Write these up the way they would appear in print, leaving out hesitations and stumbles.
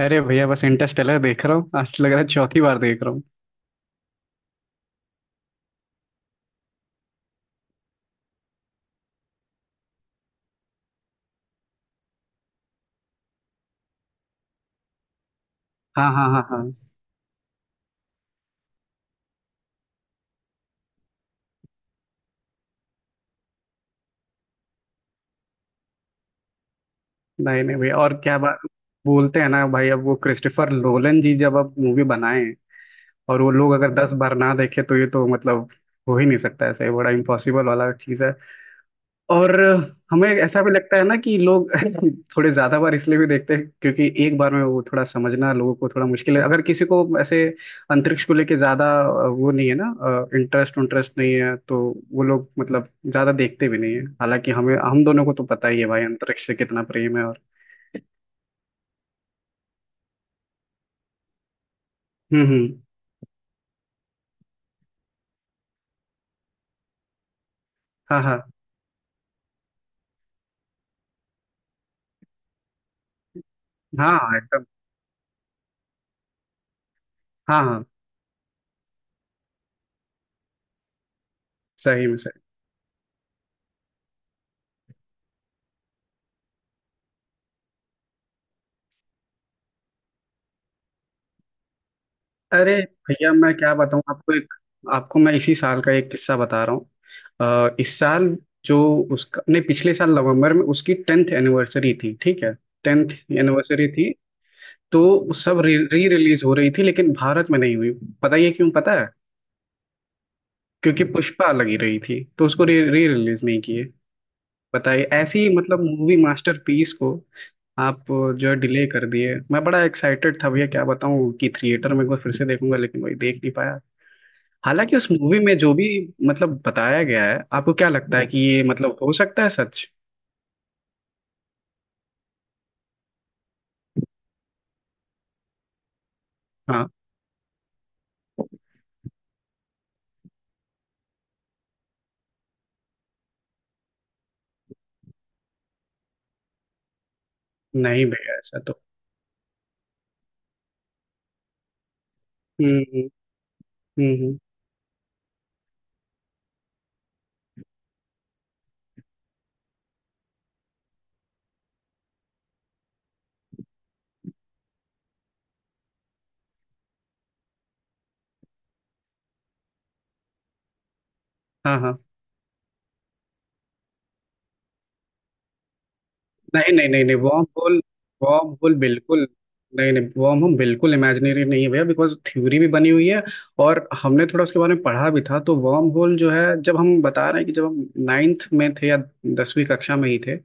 अरे भैया बस इंटरस्टेलर देख रहा हूँ। आज लग रहा है चौथी बार देख रहा हूँ। हाँ हाँ हाँ हाँ। नहीं नहीं भैया और क्या बात। बोलते हैं ना भाई अब वो क्रिस्टोफर नोलन जी जब अब मूवी बनाए और वो लोग अगर 10 बार ना देखे तो ये तो मतलब हो ही नहीं सकता। ऐसे बड़ा इम्पॉसिबल वाला चीज़ है। और हमें ऐसा भी लगता है ना कि लोग थोड़े ज्यादा बार इसलिए भी देखते हैं क्योंकि एक बार में वो थोड़ा समझना लोगों को थोड़ा मुश्किल है अगर किसी को ऐसे अंतरिक्ष को लेके ज्यादा वो नहीं है ना। इंटरेस्ट इंटरेस्ट नहीं है तो वो लोग मतलब ज्यादा देखते भी नहीं है। हालांकि हमें हम दोनों को तो पता ही है भाई अंतरिक्ष से कितना प्रेम है। और हम्म। हाँ हाँ हाँ हाँ एकदम। हाँ हाँ सही में सही। अरे भैया मैं क्या बताऊं आपको एक आपको मैं इसी साल का एक किस्सा बता रहा हूँ इस साल जो उसका नहीं पिछले साल नवंबर में उसकी टेंथ एनिवर्सरी थी ठीक है। टेंथ एनिवर्सरी थी। तो वो सब री रिलीज हो रही थी लेकिन भारत में नहीं हुई। पता ये क्यों पता है। क्योंकि पुष्पा लगी रही थी तो उसको री रिलीज नहीं किए। बताइए ऐसी मतलब मूवी मास्टरपीस को आप जो है डिले कर दिए। मैं बड़ा एक्साइटेड था भैया क्या बताऊं कि थिएटर में एक बार फिर से देखूंगा लेकिन वही देख नहीं। हालांकि उस मूवी में जो भी मतलब बताया गया है आपको क्या लगता है कि ये मतलब हो सकता है सच। हाँ नहीं भैया ऐसा तो। हम्म। हम्म। हाँ हाँ नहीं नहीं नहीं नहीं वॉर्म होल। वॉर्म होल बिल्कुल। नहीं नहीं वॉर्म होल बिल्कुल इमेजिनरी नहीं है भैया बिकॉज थ्योरी भी बनी हुई है। और हमने थोड़ा उसके बारे में पढ़ा भी था तो वॉर्म होल जो है जब हम बता रहे हैं कि जब हम नाइन्थ में थे या 10वीं कक्षा में ही थे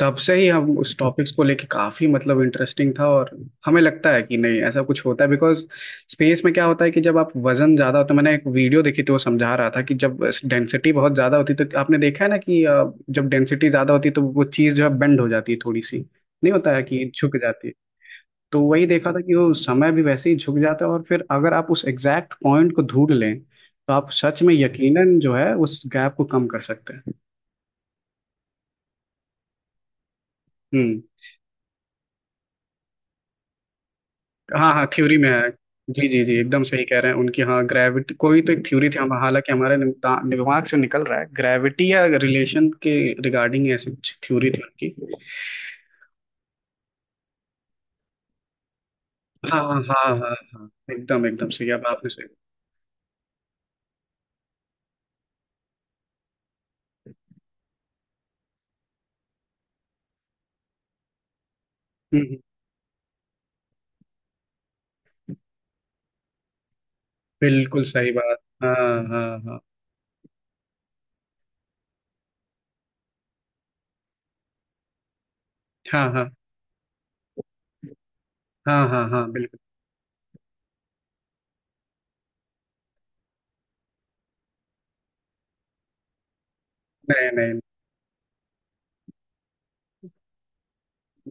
तब से ही हम उस टॉपिक्स को लेके काफी मतलब इंटरेस्टिंग था। और हमें लगता है कि नहीं ऐसा कुछ होता है बिकॉज स्पेस में क्या होता है कि जब आप वजन ज्यादा होता है। मैंने एक वीडियो देखी थी वो समझा रहा था कि जब डेंसिटी बहुत ज्यादा होती तो आपने देखा है ना कि जब डेंसिटी ज्यादा होती तो वो चीज जो है बेंड हो जाती है थोड़ी सी। नहीं होता है कि झुक जाती है। तो वही देखा था कि वो समय भी वैसे ही झुक जाता है और फिर अगर आप उस एग्जैक्ट पॉइंट को ढूंढ लें तो आप सच में यकीनन जो है उस गैप को कम कर सकते हैं। हम्म। हाँ हाँ थ्योरी में है। जी जी जी एकदम सही कह रहे हैं उनकी। हाँ ग्रेविटी कोई तो एक थ्योरी थी हम हालांकि हमारे दिमाग से निकल रहा है। ग्रेविटी या रिलेशन के रिगार्डिंग ऐसी कुछ थ्योरी थी उनकी। हाँ हाँ हाँ हाँ हाँ एकदम एकदम सही अब आपने सही। हम्म। बिल्कुल सही बात हाँ हाँ हाँ हाँ हाँ हाँ हाँ हाँ बिल्कुल। नहीं नहीं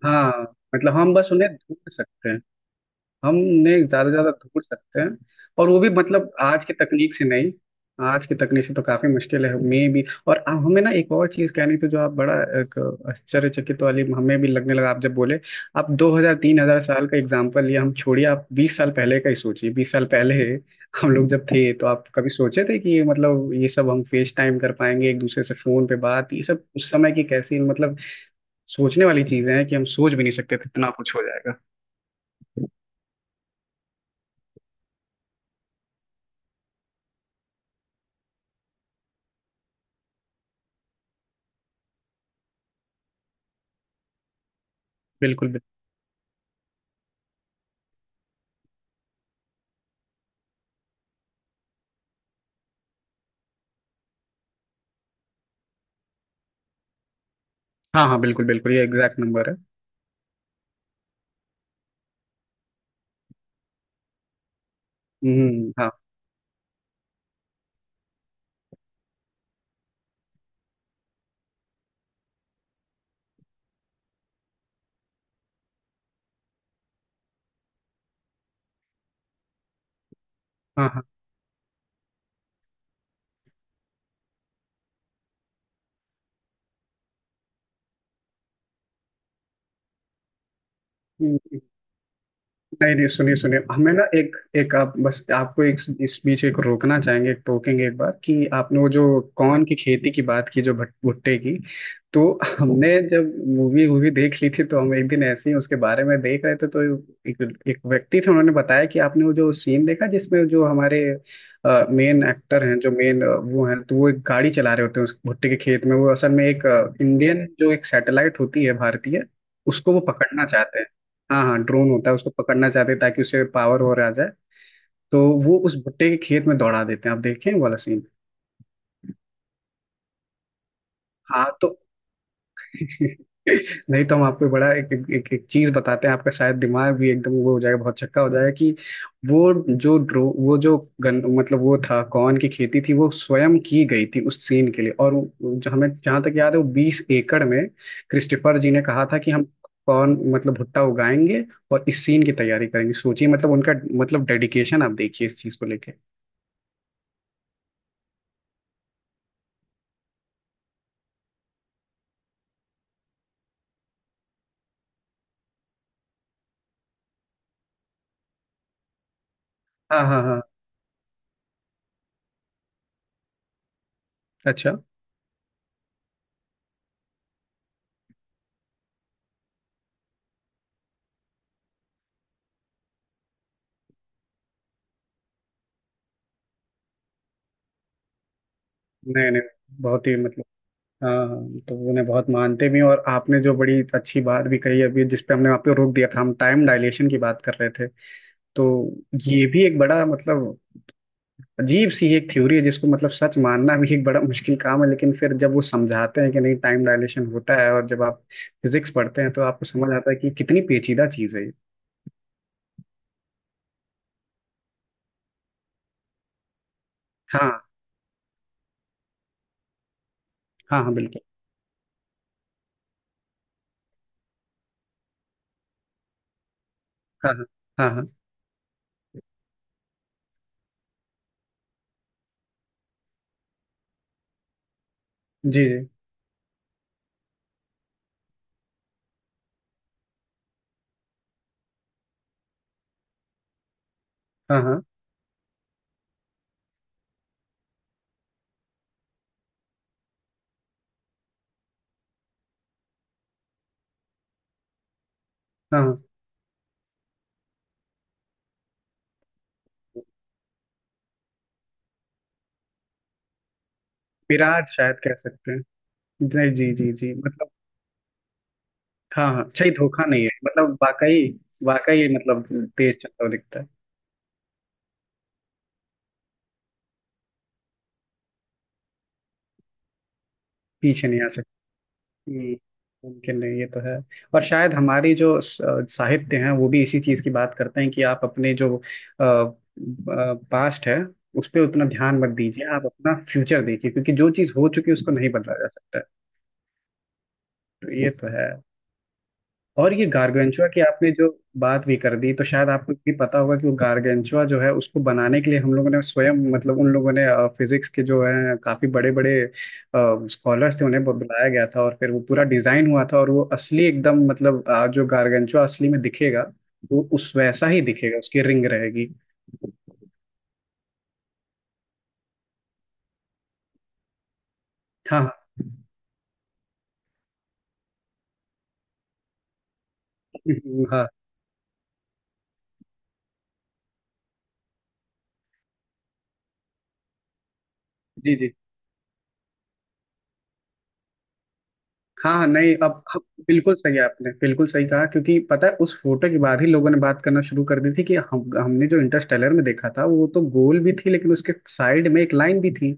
हाँ मतलब हम बस उन्हें ढूंढ सकते हैं। हम नहीं ज्यादा से ज्यादा ढूंढ सकते हैं। और वो भी मतलब आज की तकनीक से नहीं। आज की तकनीक से तो काफी मुश्किल है मे भी। और हमें ना एक और चीज कहनी थी जो आप बड़ा एक आश्चर्यचकित वाली हमें भी लगने लगा आप जब बोले आप 2000 3000 साल का एग्जाम्पल लिए हम छोड़िए आप 20 साल पहले का ही सोचिए। 20 साल पहले हम लोग जब थे तो आप कभी सोचे थे कि ये मतलब ये सब हम फेस टाइम कर पाएंगे एक दूसरे से फोन पे बात। ये सब उस समय की कैसी मतलब सोचने वाली चीजें हैं कि हम सोच भी नहीं सकते थे इतना कुछ हो जाएगा। बिल्कुल। हाँ हाँ बिल्कुल बिल्कुल ये एग्जैक्ट नंबर है। हाँ हाँ हाँ हम्म। नहीं नहीं सुनिए सुनिए हमें ना एक एक आप बस आपको एक इस बीच एक रोकना चाहेंगे एक टोकेंगे एक बार कि आपने वो जो कॉर्न की खेती की बात की जो भुट्टे की। तो हमने जब मूवी वूवी देख ली थी तो हम एक दिन ऐसे ही उसके बारे में देख रहे थे। तो एक एक व्यक्ति थे उन्होंने बताया कि आपने वो जो सीन देखा जिसमें जो हमारे मेन एक्टर हैं जो मेन वो हैं तो वो एक गाड़ी चला रहे होते हैं उस भुट्टे के खेत में वो असल में एक इंडियन जो एक सैटेलाइट होती है भारतीय उसको वो पकड़ना चाहते हैं। हाँ हाँ ड्रोन होता है उसको पकड़ना चाहते हैं ताकि उसे पावर हो रहा जाए। तो वो उस भुट्टे के खेत में दौड़ा देते हैं। आप देखें वो वाला सीन। हाँ तो नहीं तो हम आपको बड़ा एक एक चीज बताते हैं। आपका शायद दिमाग भी एकदम वो हो जाएगा। बहुत चक्का हो जाएगा कि वो जो ड्रो वो जो गन मतलब वो था कॉर्न की खेती थी वो स्वयं की गई थी उस सीन के लिए। और जो हमें जहाँ तक याद है वो 20 एकड़ में क्रिस्टोफर जी ने कहा था कि हम कॉर्न मतलब भुट्टा उगाएंगे और इस सीन की तैयारी करेंगे। सोचिए मतलब उनका मतलब डेडिकेशन आप देखिए इस चीज को लेके। हाँ हाँ हाँ अच्छा। नहीं नहीं बहुत ही मतलब हाँ। तो उन्हें बहुत मानते भी हैं और आपने जो बड़ी अच्छी बात भी कही अभी जिस पे हमने आपको रोक दिया था हम टाइम डायलेशन की बात कर रहे थे। तो ये भी एक बड़ा मतलब अजीब सी एक थ्योरी है जिसको मतलब सच मानना भी एक बड़ा मुश्किल काम है लेकिन फिर जब वो समझाते हैं कि नहीं टाइम डायलेशन होता है। और जब आप फिजिक्स पढ़ते हैं तो आपको समझ आता है कि कितनी पेचीदा चीज़ है ये। हाँ हाँ हाँ बिल्कुल। हाँ हाँ हाँ हाँ जी जी। हाँ हाँ हाँ हाँ। विराट शायद कह सकते हैं। जी जी जी जी मतलब हाँ हाँ। अच्छा ये धोखा नहीं है मतलब वाकई वाकई मतलब तेज चलता हुआ दिखता है। पीछे नहीं आ सकता। हम्म, मुमकिन नहीं ये तो है। और शायद हमारी जो साहित्य है वो भी इसी चीज की बात करते हैं कि आप अपने जो पास्ट है उस पर उतना ध्यान मत दीजिए। आप अपना फ्यूचर देखिए क्योंकि जो चीज हो चुकी है उसको नहीं बदला जा सकता है। तो ये तो है। और ये गार्गेंचुआ की आपने जो बात भी कर दी तो शायद आपको भी पता होगा कि वो गार्गेंचुआ जो है उसको बनाने के लिए हम लोगों ने स्वयं मतलब उन लोगों ने फिजिक्स के जो है काफी बड़े बड़े स्कॉलर्स थे उन्हें बुलाया गया था। और फिर वो पूरा डिजाइन हुआ था और वो असली एकदम मतलब जो गार्गेंचुआ असली में दिखेगा वो उस वैसा ही दिखेगा। उसकी रिंग रहेगी। हाँ हाँ हाँ जी जी। हाँ हाँ नहीं अब बिल्कुल सही है आपने बिल्कुल सही कहा। क्योंकि पता है उस फोटो के बाद ही लोगों ने बात करना शुरू कर दी थी कि हम हमने जो इंटरस्टेलर में देखा था वो तो गोल भी थी लेकिन उसके साइड में एक लाइन भी थी।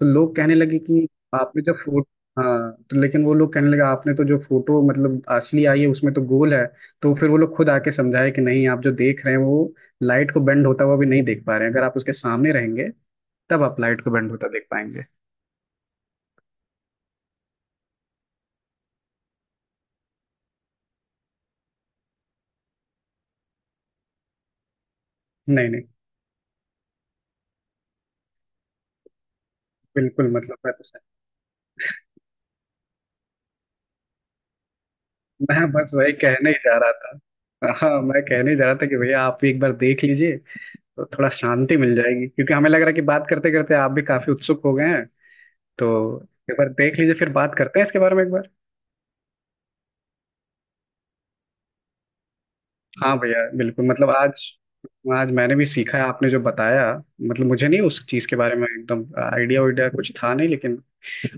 तो लोग कहने लगे कि आपने जो फोटो। हाँ तो लेकिन वो लोग कहने लगे आपने तो जो फोटो मतलब असली आई है उसमें तो गोल है। तो फिर वो लोग खुद आके समझाए कि नहीं आप जो देख रहे हैं वो लाइट को बेंड होता हुआ भी नहीं देख पा रहे हैं। अगर आप उसके सामने रहेंगे तब आप लाइट को बेंड होता देख पाएंगे। नहीं नहीं बिल्कुल मतलब मैं तो मैं बस वही कहने ही जा रहा था। हाँ मैं कहने ही जा रहा था कि भैया आप भी एक बार देख लीजिए तो थोड़ा शांति मिल जाएगी। क्योंकि हमें लग रहा है कि बात करते करते आप भी काफी उत्सुक हो गए हैं। तो एक बार देख लीजिए फिर बात करते हैं इसके बारे में एक बार। हाँ भैया बिल्कुल मतलब आज आज मैंने भी सीखा है आपने जो बताया। मतलब मुझे नहीं उस चीज के बारे में एकदम आइडिया उइडिया कुछ था नहीं लेकिन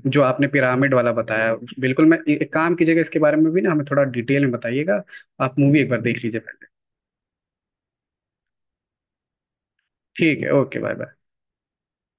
जो आपने पिरामिड वाला बताया बिल्कुल। मैं एक काम कीजिएगा इसके बारे में भी ना हमें थोड़ा डिटेल में बताइएगा। आप मूवी एक बार देख लीजिए पहले। ठीक है ओके बाय बाय।